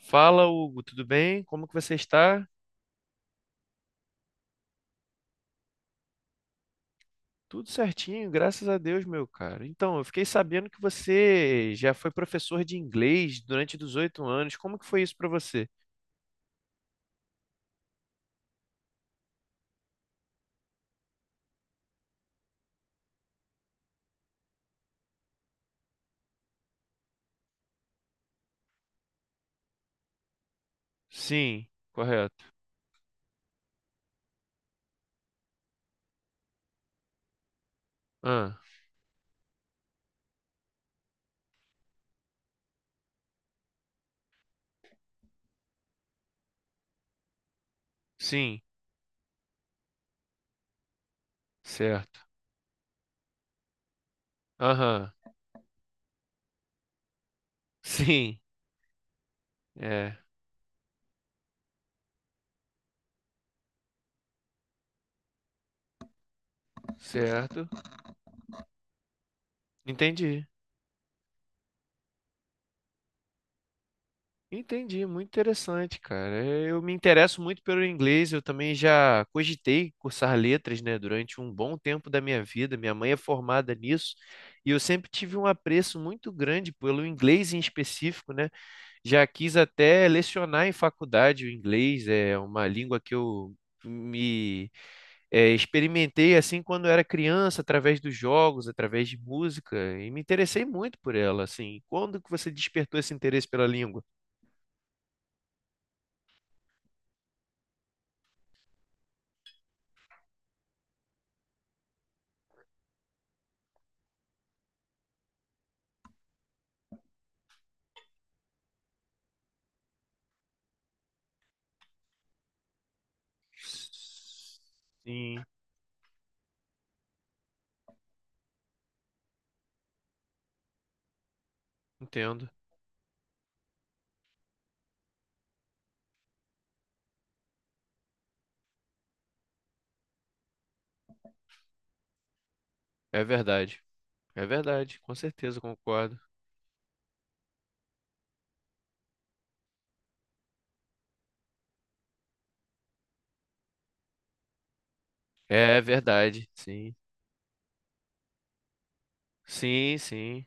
Fala, Hugo, tudo bem? Como que você está? Tudo certinho, graças a Deus, meu cara. Então, eu fiquei sabendo que você já foi professor de inglês durante 18 anos. Como que foi isso para você? Sim, correto. Ah, sim, certo. Aham, sim, é, certo. Entendi. Entendi, muito interessante, cara. Eu me interesso muito pelo inglês, eu também já cogitei cursar letras, né, durante um bom tempo da minha vida. Minha mãe é formada nisso, e eu sempre tive um apreço muito grande pelo inglês em específico, né? Já quis até lecionar em faculdade o inglês, é uma língua que me experimentei assim quando era criança, através dos jogos, através de música, e me interessei muito por ela, assim. Quando que você despertou esse interesse pela língua? Sim, entendo. É verdade. É verdade, com certeza concordo. É verdade, sim. Sim, sim.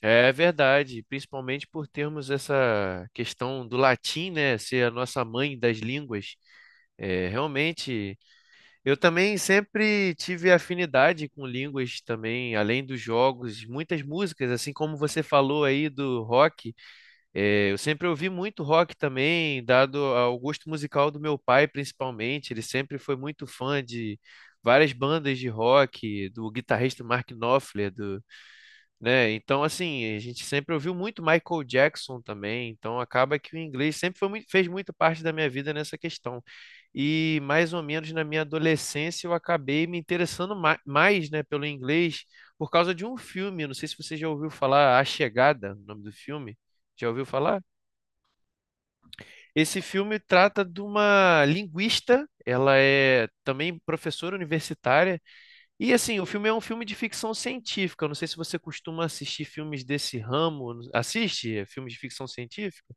É verdade, principalmente por termos essa questão do latim, né, ser a nossa mãe das línguas. É, realmente, eu também sempre tive afinidade com línguas também, além dos jogos, muitas músicas, assim como você falou aí do rock. É, eu sempre ouvi muito rock também, dado ao gosto musical do meu pai, principalmente. Ele sempre foi muito fã de várias bandas de rock, do guitarrista Mark Knopfler, do, né? Então, assim, a gente sempre ouviu muito Michael Jackson também. Então, acaba que o inglês sempre foi fez muito parte da minha vida nessa questão. E mais ou menos na minha adolescência eu acabei me interessando mais, né, pelo inglês por causa de um filme. Eu Não sei se você já ouviu falar A Chegada, o nome do filme. Já ouviu falar? Esse filme trata de uma linguista, ela é também professora universitária, e assim, o filme é um filme de ficção científica. Eu não sei se você costuma assistir filmes desse ramo. Assiste filmes de ficção científica?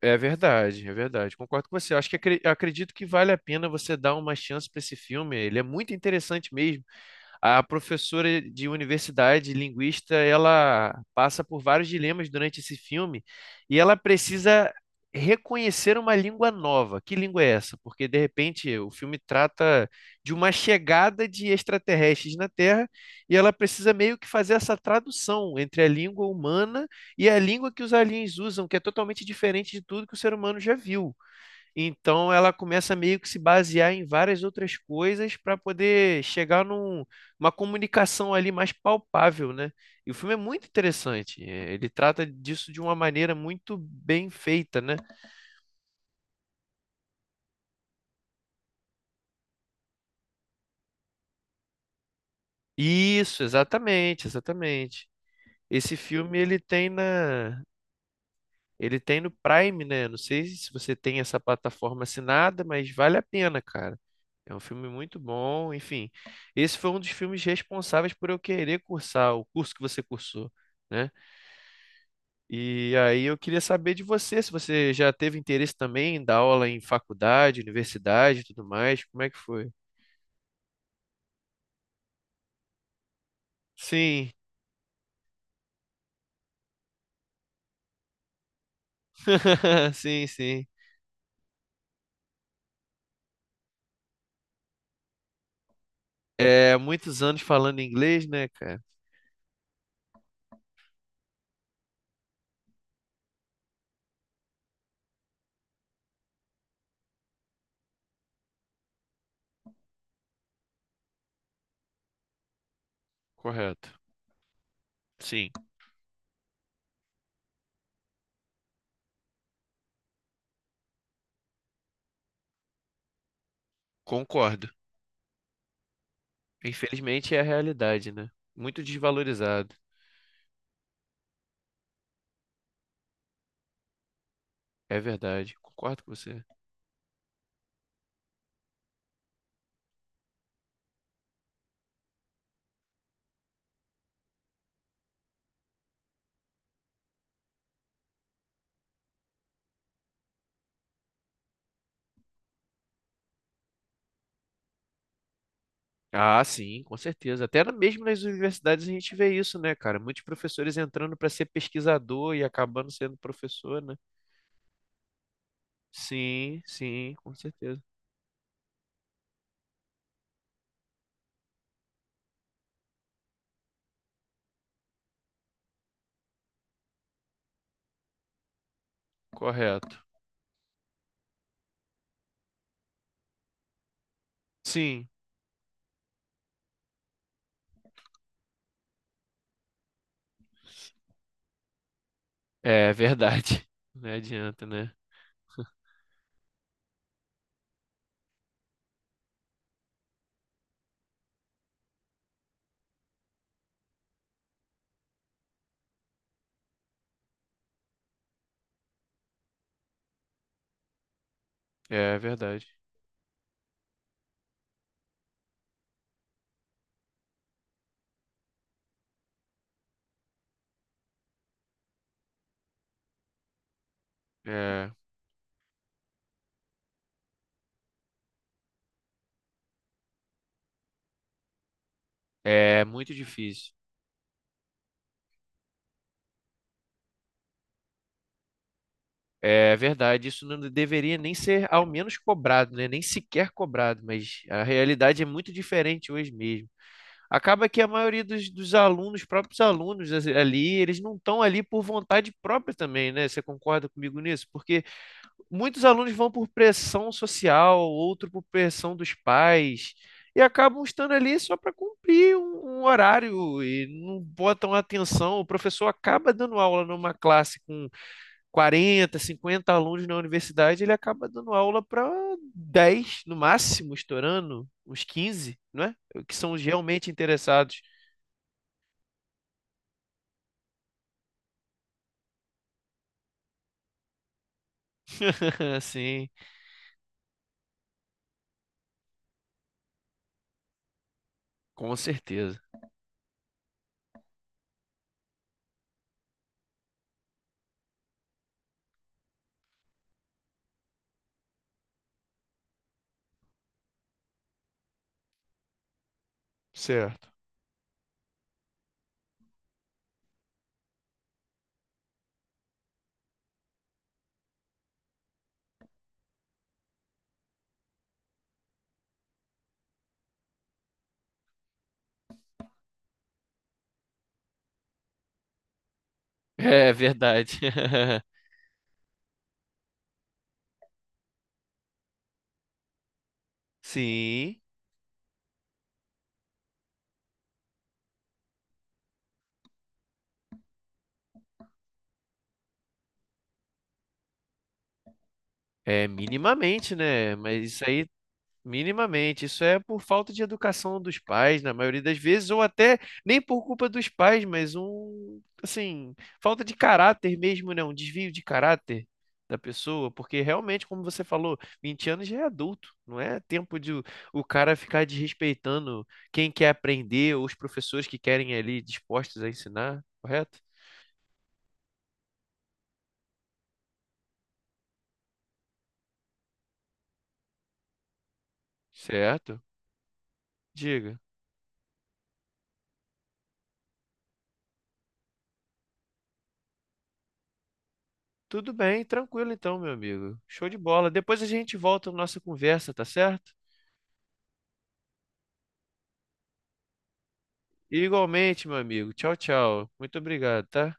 É verdade, é verdade. Concordo com você. Eu Acho que acredito que vale a pena você dar uma chance para esse filme. Ele é muito interessante mesmo. A professora de universidade, linguista, ela passa por vários dilemas durante esse filme e ela precisa reconhecer uma língua nova. Que língua é essa? Porque, de repente, o filme trata de uma chegada de extraterrestres na Terra e ela precisa meio que fazer essa tradução entre a língua humana e a língua que os aliens usam, que é totalmente diferente de tudo que o ser humano já viu. Então ela começa meio que se basear em várias outras coisas para poder chegar numa comunicação ali mais palpável, né? E o filme é muito interessante. Ele trata disso de uma maneira muito bem feita, né? Isso, exatamente, exatamente. Esse filme ele tem na Ele tem no Prime, né? Não sei se você tem essa plataforma assinada, mas vale a pena, cara. É um filme muito bom, enfim. Esse foi um dos filmes responsáveis por eu querer cursar o curso que você cursou, né? E aí eu queria saber de você, se você já teve interesse também em dar aula em faculdade, universidade e tudo mais, como é que foi? Sim, sim, sim. É, muitos anos falando inglês, né, cara? Correto. Sim, concordo. Infelizmente é a realidade, né? Muito desvalorizado. É verdade, concordo com você. Ah, sim, com certeza. Até mesmo nas universidades a gente vê isso, né, cara? Muitos professores entrando para ser pesquisador e acabando sendo professor, né? Sim, sim, com certeza. Correto. Sim, é verdade. Não adianta, né? É verdade. É, é muito difícil. É verdade. Isso não deveria nem ser, ao menos, cobrado, né? Nem sequer cobrado, mas a realidade é muito diferente hoje mesmo. Acaba que a maioria dos alunos, próprios alunos ali, eles não estão ali por vontade própria também, né? Você concorda comigo nisso? Porque muitos alunos vão por pressão social, outro por pressão dos pais, e acabam estando ali só para cumprir um horário e não botam atenção. O professor acaba dando aula numa classe com 40, 50 alunos na universidade, ele acaba dando aula para 10 no máximo, estourando, uns 15, não é? Que são os realmente interessados. Sim, com certeza. Certo. É verdade. Sim, é minimamente, né? Mas isso aí Minimamente, isso é por falta de educação dos pais, na maioria das vezes, ou até nem por culpa dos pais, mas um, assim, falta de caráter mesmo, né? Um desvio de caráter da pessoa, porque realmente, como você falou, 20 anos já é adulto, não é tempo de o cara ficar desrespeitando quem quer aprender ou os professores que querem ali dispostos a ensinar, correto? Certo? Diga. Tudo bem, tranquilo então, meu amigo. Show de bola. Depois a gente volta na nossa conversa, tá certo? Igualmente, meu amigo. Tchau, tchau. Muito obrigado, tá?